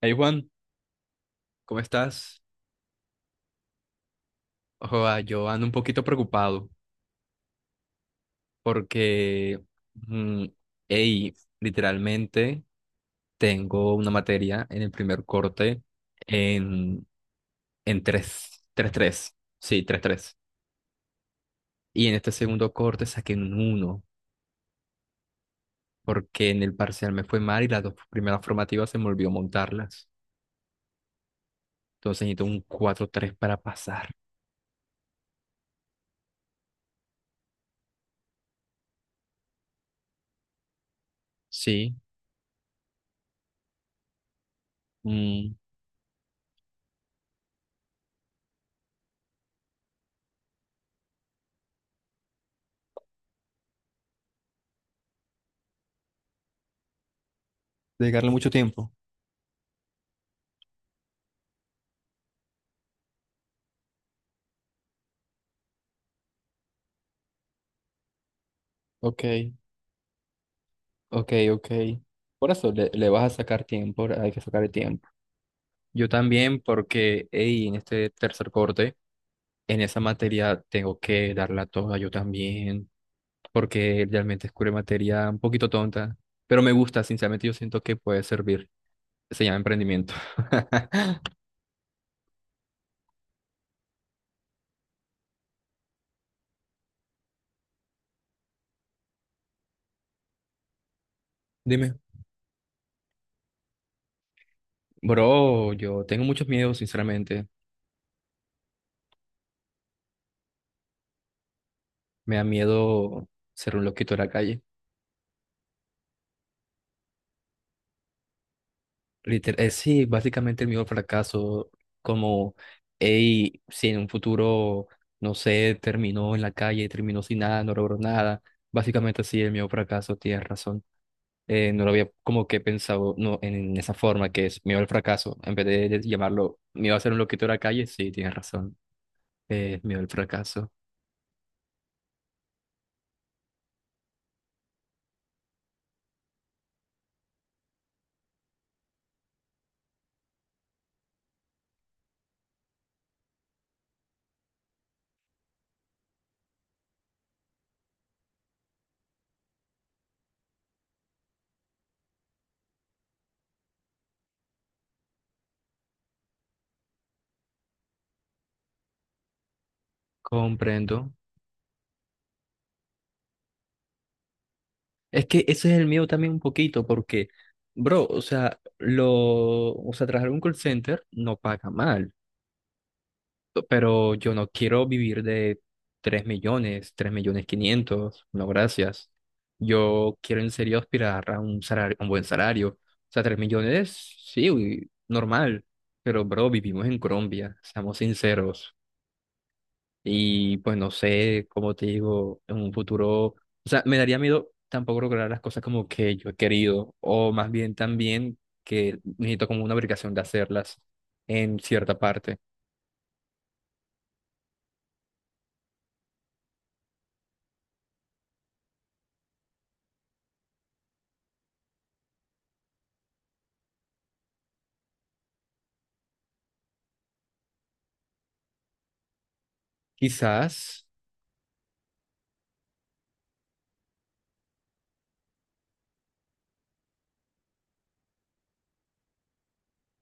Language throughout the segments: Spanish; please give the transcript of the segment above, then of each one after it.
Hey Juan, ¿cómo estás? Ojo, ah, yo ando un poquito preocupado porque, mm, hey, literalmente tengo una materia en el primer corte en, en 3 3 3, sí, tres tres, y en este segundo corte saqué un uno porque en el parcial me fue mal y las dos primeras formativas se me olvidó montarlas. Entonces necesito un 4 3 para pasar. Sí, mm, dedicarle mucho tiempo. Ok. Ok, ok. Por eso le vas a sacar tiempo, hay que sacar el tiempo. Yo también porque, hey, en este tercer corte, en esa materia tengo que darla toda yo también, porque realmente es una materia un poquito tonta, pero me gusta, sinceramente yo siento que puede servir. Se llama emprendimiento. Dime. Bro, yo tengo muchos miedos, sinceramente. Me da miedo ser un loquito de la calle. Sí, básicamente el miedo al fracaso, como, hey, si en un futuro, no sé, terminó en la calle, terminó sin nada, no logró nada, básicamente sí, el miedo al fracaso, tienes razón. No lo había como que pensado no, en esa forma que es miedo al fracaso, en vez de llamarlo miedo a ser un loquito de la calle, sí, tienes razón, miedo al fracaso, comprendo. Es que ese es el miedo también un poquito, porque, bro, o sea, trabajar en un call center no paga mal pero yo no quiero vivir de 3 millones, 3 millones 500 no gracias. Yo quiero en serio aspirar a un salario, un buen salario. O sea, 3 millones, sí, uy, normal, pero bro, vivimos en Colombia, seamos sinceros. Y pues no sé, como te digo, en un futuro, o sea, me daría miedo tampoco lograr las cosas como que yo he querido, o más bien también que necesito como una obligación de hacerlas en cierta parte. Quizás.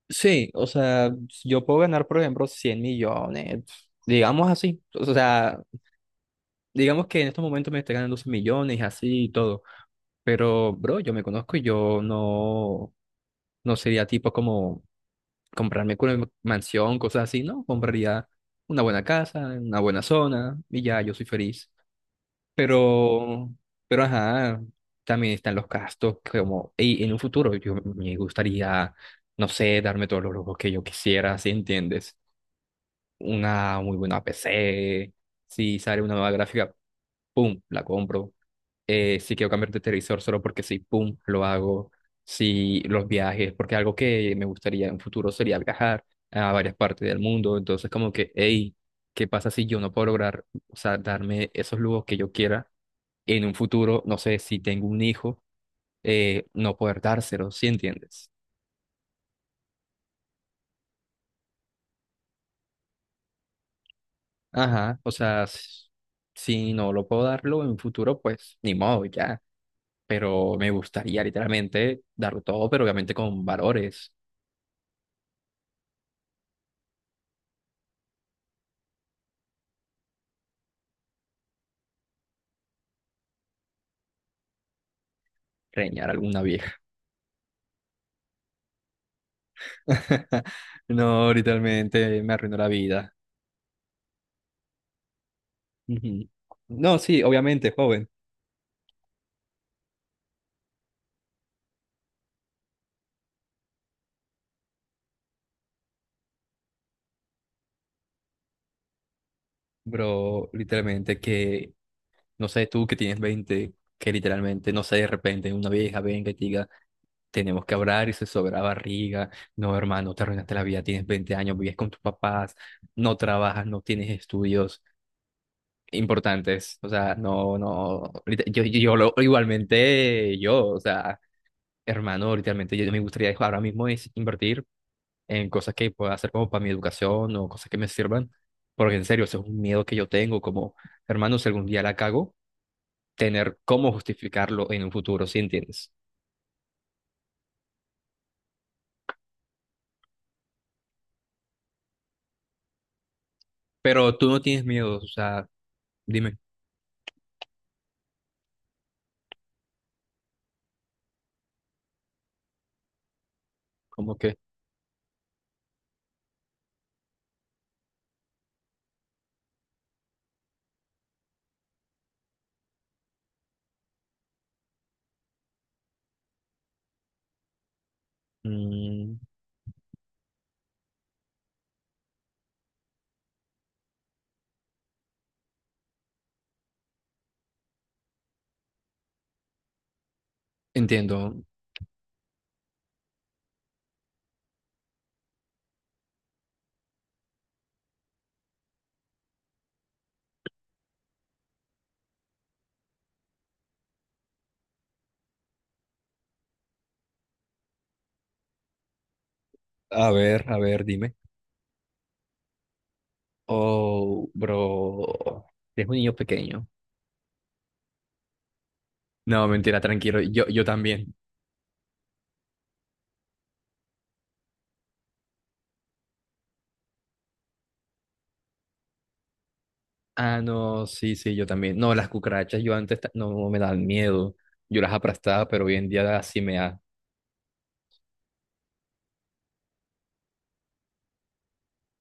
Sí, o sea, yo puedo ganar, por ejemplo, 100 millones, digamos así. O sea, digamos que en estos momentos me estoy ganando 100 millones, así y todo. Pero, bro, yo me conozco y yo no, no sería tipo como comprarme una mansión, cosas así, ¿no? Compraría una buena casa, en una buena zona y ya, yo soy feliz. Pero, pero ajá, también están los gastos como, y en un futuro yo me gustaría, no sé, darme todos los lujos que yo quisiera, ¿si entiendes? Una muy buena PC, si sale una nueva gráfica, pum, la compro. Si quiero cambiar de televisor solo porque sí, pum, lo hago. Si los viajes, porque algo que me gustaría en un futuro sería viajar a varias partes del mundo, entonces como que, hey, ¿qué pasa si yo no puedo lograr, o sea, darme esos lujos que yo quiera? En un futuro, no sé, si tengo un hijo, no poder dárselo, ¿sí entiendes? Ajá, o sea, s- si no lo puedo darlo en un futuro, pues ni modo, ya. Pero me gustaría literalmente darlo todo, pero obviamente con valores, reñar a alguna vieja. No, literalmente me arruinó la vida. Ujú. No, sí, obviamente, joven, bro, literalmente que no sé, tú que tienes 20 que literalmente, no sé, de repente una vieja venga y te diga, tenemos que hablar y se sobra barriga. No, hermano, te arruinaste la vida, tienes 20 años, vives con tus papás, no trabajas, no tienes estudios importantes. O sea, no, no, igualmente yo, o sea, hermano, literalmente yo me gustaría ahora mismo es invertir en cosas que pueda hacer como para mi educación o cosas que me sirvan, porque en serio, eso es un miedo que yo tengo, como, hermano, si algún día la cago tener cómo justificarlo en un futuro, ¿sí entiendes? Pero tú no tienes miedo, o sea, dime, ¿cómo que? Mm, entiendo. A ver, dime. Oh, bro, es un niño pequeño. No, mentira, tranquilo, yo también. Ah, no, sí, sí, yo también. No, las cucarachas yo antes no me dan miedo. Yo las aplastaba, pero hoy en día sí me da.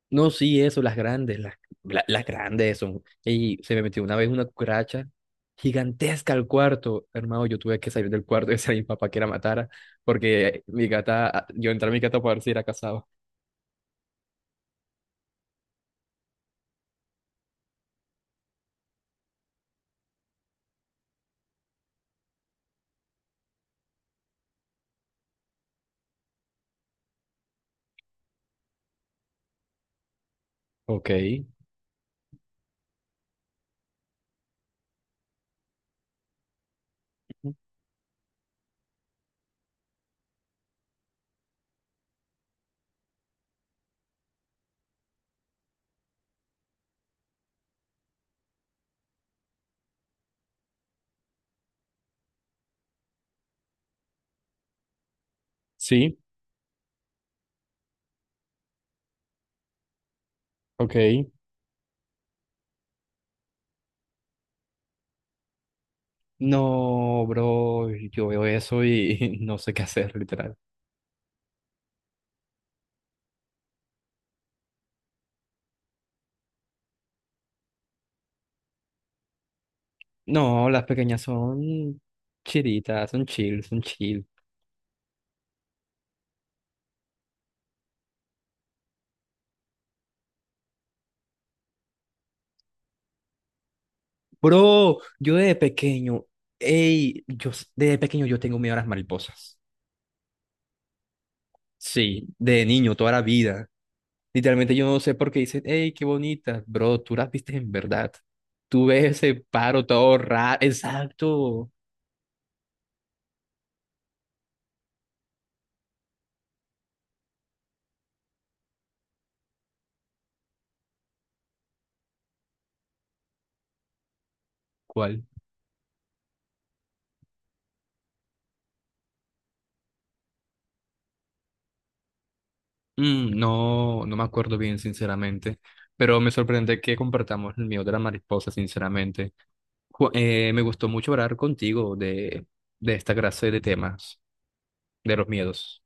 No, sí, eso, las grandes, las, las grandes son. Y se me metió una vez una cucaracha gigantesca al cuarto. Hermano, yo tuve que salir del cuarto y decir a mi papá que la matara, porque mi gata, yo entré a mi gata para ver si era casado. Ok, sí, ok. No, bro, yo veo eso y no sé qué hacer, literal. No, las pequeñas son chiritas, son chill, son chill. Bro, yo de pequeño, ey, yo s- de pequeño yo tengo miedo a las mariposas. Sí, de niño, toda la vida. Literalmente yo no sé por qué dicen, hey, qué bonita, bro, tú las viste en verdad. Tú ves ese paro todo raro. Exacto. ¿Cuál? Mm, no, no me acuerdo bien, sinceramente. Pero me sorprende que compartamos el mío de la mariposa, sinceramente. Me gustó mucho hablar contigo de esta clase de temas, de los miedos.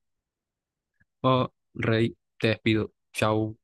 Oh, Rey, te despido. Chao.